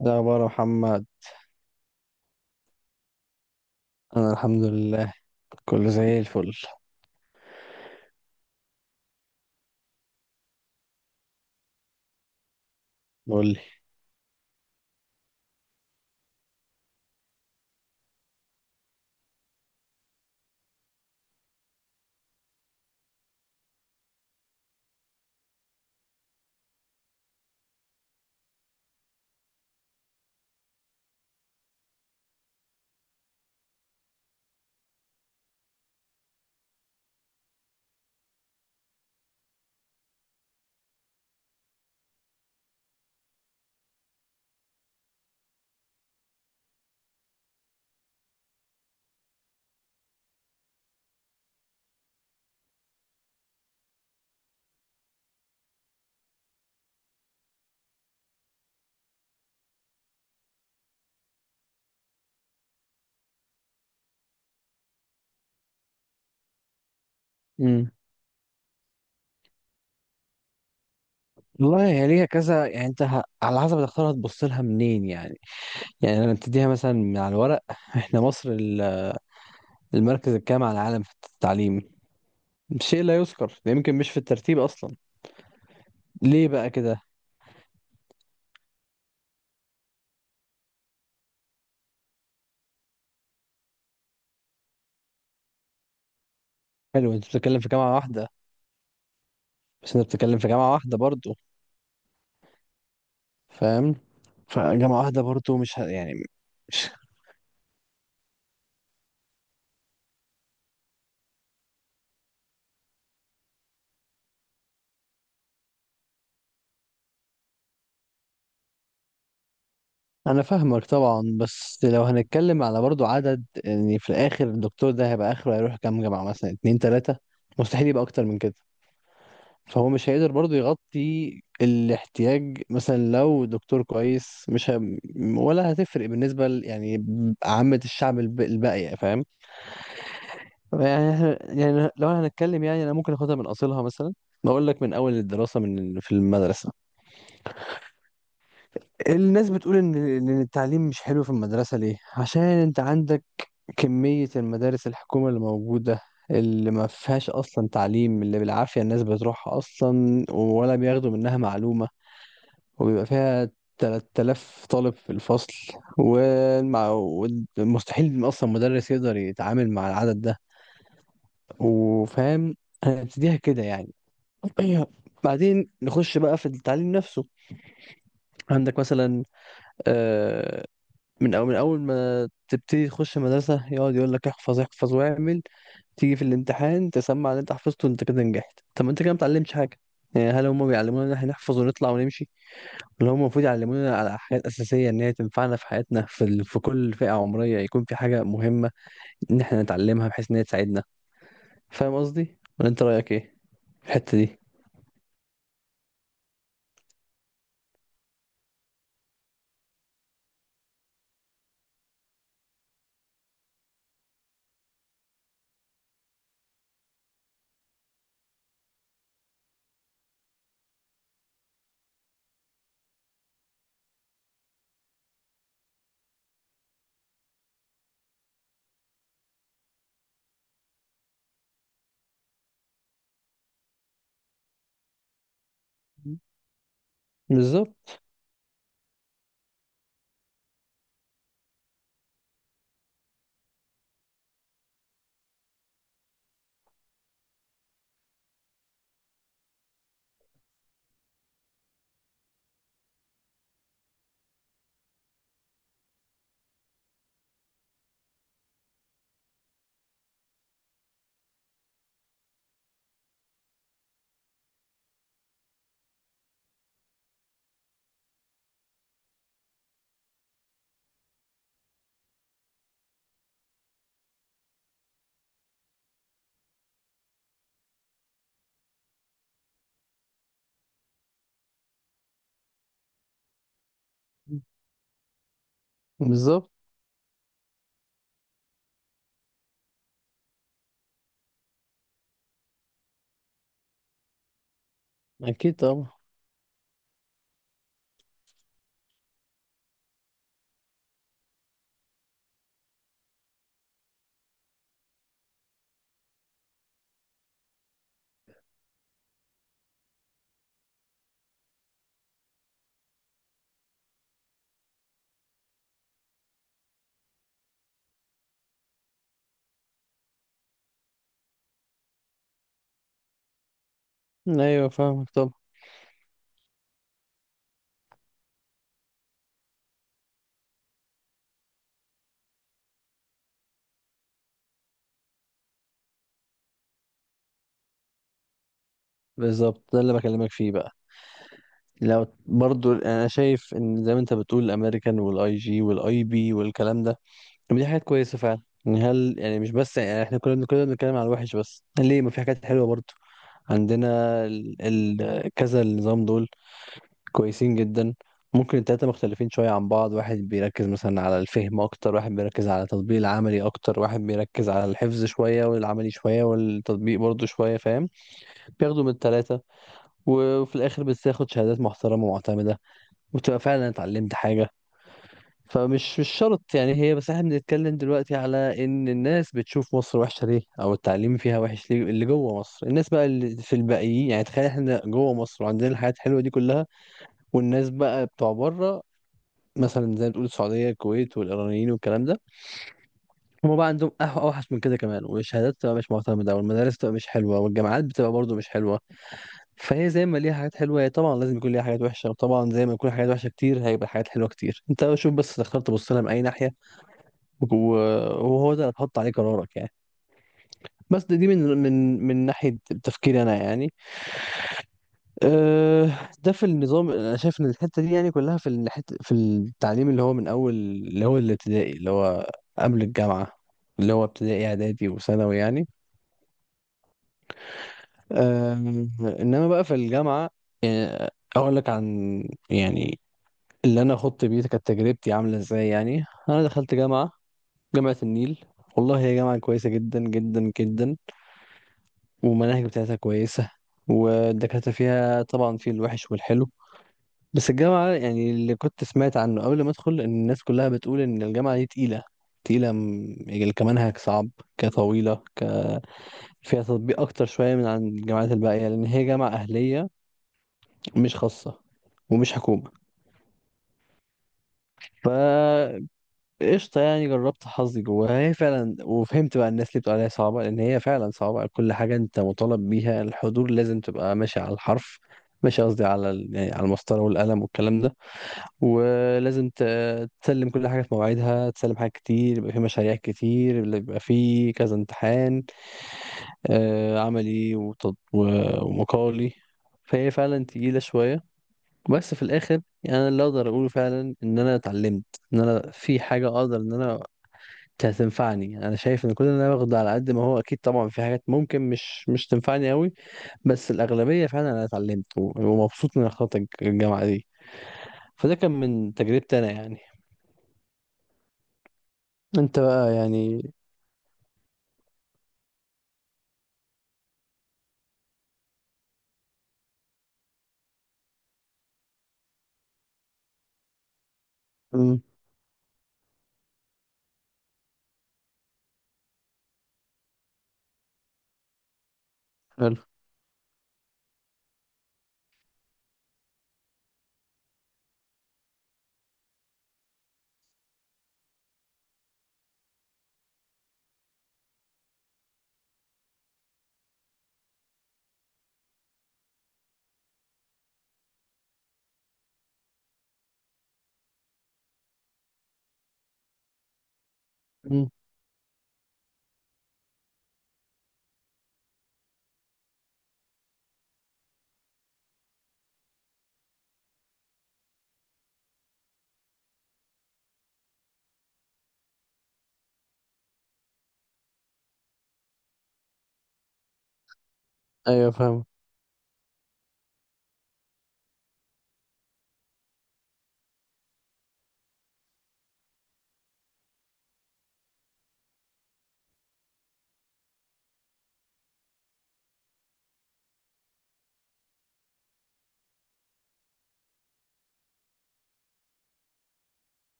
ده عبارة محمد. أنا الحمد لله، كله زي الفل. قول لي. امم والله هي ليها كذا، يعني أنت على حسب هتختارها تبص لها منين يعني. يعني لما تديها مثلا من على الورق إحنا مصر المركز الكام على العالم في التعليم؟ شيء لا يذكر ده، يمكن مش في الترتيب أصلا. ليه بقى كده؟ حلو. أنت بتتكلم في جامعة واحدة. بس أنت بتتكلم في جامعة واحدة برضه، فاهم؟ فجامعة واحدة برضه، مش يعني. انا فاهمك طبعا، بس لو هنتكلم على برضو عدد، يعني في الاخر الدكتور ده هيبقى اخره هيروح كام جامعة، مثلا اتنين تلاتة؟ مستحيل يبقى اكتر من كده. فهو مش هيقدر برضو يغطي الاحتياج، مثلا لو دكتور كويس مش ولا هتفرق بالنسبة يعني، عامة الشعب الباقية، فاهم؟ يعني يعني لو هنتكلم، يعني انا ممكن اخدها من اصلها مثلا. بقول لك من اول الدراسة، من في المدرسة. الناس بتقول إن التعليم مش حلو في المدرسة. ليه؟ عشان انت عندك كمية المدارس الحكومة اللي موجودة، اللي ما فيهاش أصلا تعليم، اللي بالعافية الناس بتروحها أصلا ولا بياخدوا منها معلومة، وبيبقى فيها 3,000 طالب في الفصل، والمع- والمستحيل أصلا مدرس يقدر يتعامل مع العدد ده، وفاهم، هنبتديها كده يعني. بعدين نخش بقى في التعليم نفسه. عندك مثلا، آه، من أول ما تبتدي تخش مدرسة، يقعد يقول لك احفظ احفظ واعمل، تيجي في الامتحان تسمع اللي انت حفظته، انت كده نجحت. طب ما انت كده ما بتعلمش حاجة. يعني هل هم بيعلمونا ان احنا نحفظ ونطلع ونمشي؟ ولا هم المفروض يعلمونا على حاجات أساسية، ان هي تنفعنا في حياتنا، في كل فئة عمرية يكون في حاجة مهمة ان احنا نتعلمها، بحيث ان هي تساعدنا. فاهم قصدي؟ ولا انت رأيك ايه في الحتة دي؟ بالظبط. بالظبط. اكيد طبعا. ايوه فاهمك طبعا. بالظبط، ده اللي بكلمك فيه بقى. لو برضو، انا شايف ان زي ما انت بتقول، الامريكان والاي جي والاي بي والكلام ده، طب دي حاجات كويسه فعلا يعني. هل يعني مش بس يعني احنا كلنا بنتكلم على الوحش؟ بس ليه ما في حاجات حلوه برضو عندنا؟ كذا النظام دول كويسين جدا. ممكن التلاتة مختلفين شوية عن بعض، واحد بيركز مثلا على الفهم أكتر، واحد بيركز على التطبيق العملي أكتر، واحد بيركز على الحفظ شوية والعملي شوية والتطبيق برضو شوية، فاهم؟ بياخدوا من التلاتة، وفي الآخر بتاخد شهادات محترمة ومعتمدة، وتبقى فعلا اتعلمت حاجة. فمش مش شرط يعني. هي بس احنا بنتكلم دلوقتي على ان الناس بتشوف مصر وحشة ليه، او التعليم فيها وحش ليه. اللي جوه مصر الناس بقى، اللي في الباقيين يعني، تخيل احنا جوه مصر وعندنا الحاجات الحلوة دي كلها، والناس بقى بتوع بره، مثلا زي ما بتقول السعودية الكويت والإيرانيين والكلام ده، هما بقى عندهم أوحش من كده كمان، والشهادات بتبقى مش معتمدة، والمدارس بتبقى مش حلوة، والجامعات بتبقى برضه مش حلوة. فهي زي ما ليها حاجات حلوه، هي طبعا لازم يكون ليها حاجات وحشه، وطبعا زي ما يكون حاجات وحشه كتير، هيبقى حاجات حلوه كتير. انت شوف بس تختار تبص لها من اي ناحيه، و- وهو ده اللي هتحط عليه قرارك يعني. بس دي من ناحيه تفكيري انا يعني. أه، ده في النظام. انا شايف ان الحته دي يعني كلها، في الحته في التعليم اللي هو من اول، اللي هو الابتدائي، اللي هو قبل الجامعه، اللي هو ابتدائي اعدادي وثانوي يعني. أه. انما بقى في الجامعه، يعني اقول لك عن، يعني اللي انا اخط بيه كانت تجربتي عامله ازاي. يعني انا دخلت جامعه النيل. والله هي جامعه كويسه جدا جدا جدا. والمناهج بتاعتها كويسه، والدكاتره فيها طبعا في الوحش والحلو. بس الجامعه، يعني اللي كنت سمعت عنه قبل ما ادخل، ان الناس كلها بتقول ان الجامعه دي تقيله. تقيله يعني كمنهج صعب، كطويله، فيها تطبيق اكتر شويه من عن الجامعات الباقيه، لان هي جامعه اهليه، مش خاصه ومش حكومه. قشطة. يعني جربت حظي جواها، هي فعلا، وفهمت بقى الناس اللي بتقول عليها صعبة لأن هي فعلا صعبة. كل حاجة أنت مطالب بيها، الحضور لازم تبقى ماشي على الحرف، ماشي قصدي على يعني على المسطرة والقلم والكلام ده، ولازم تسلم كل حاجة في مواعيدها، تسلم حاجات كتير، يبقى في مشاريع كتير، اللي يبقى في كذا امتحان عملي ومقالي. فهي فعلا تقيلة شوية. بس في الآخر يعني أنا اللي أقدر أقوله فعلا، إن أنا اتعلمت، إن أنا في حاجة أقدر إن أنا هتنفعني. انا شايف ان كل اللي انا باخده، على قد ما هو اكيد طبعا في حاجات ممكن مش تنفعني قوي، بس الاغلبيه فعلا انا اتعلمت، ومبسوط من اختلاط الجامعه دي. فده كان من تجربتي انا يعني. انت بقى يعني. امم، حلو. امم، ايوه فاهم.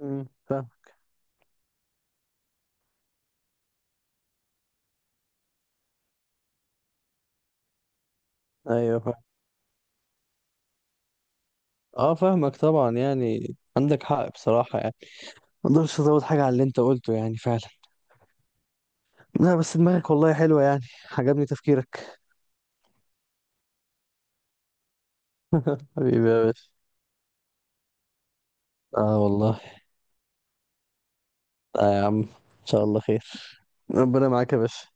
امم، فاهم. ايوه فاهم. اه فاهمك طبعا، يعني عندك حق بصراحه يعني، ما اقدرش ازود حاجه على اللي انت قلته، يعني فعلا. لا، بس دماغك والله حلوه يعني، عجبني تفكيرك. حبيبي يا باشا. اه والله. آه يا عم، ان شاء الله خير. ربنا معاك يا باشا.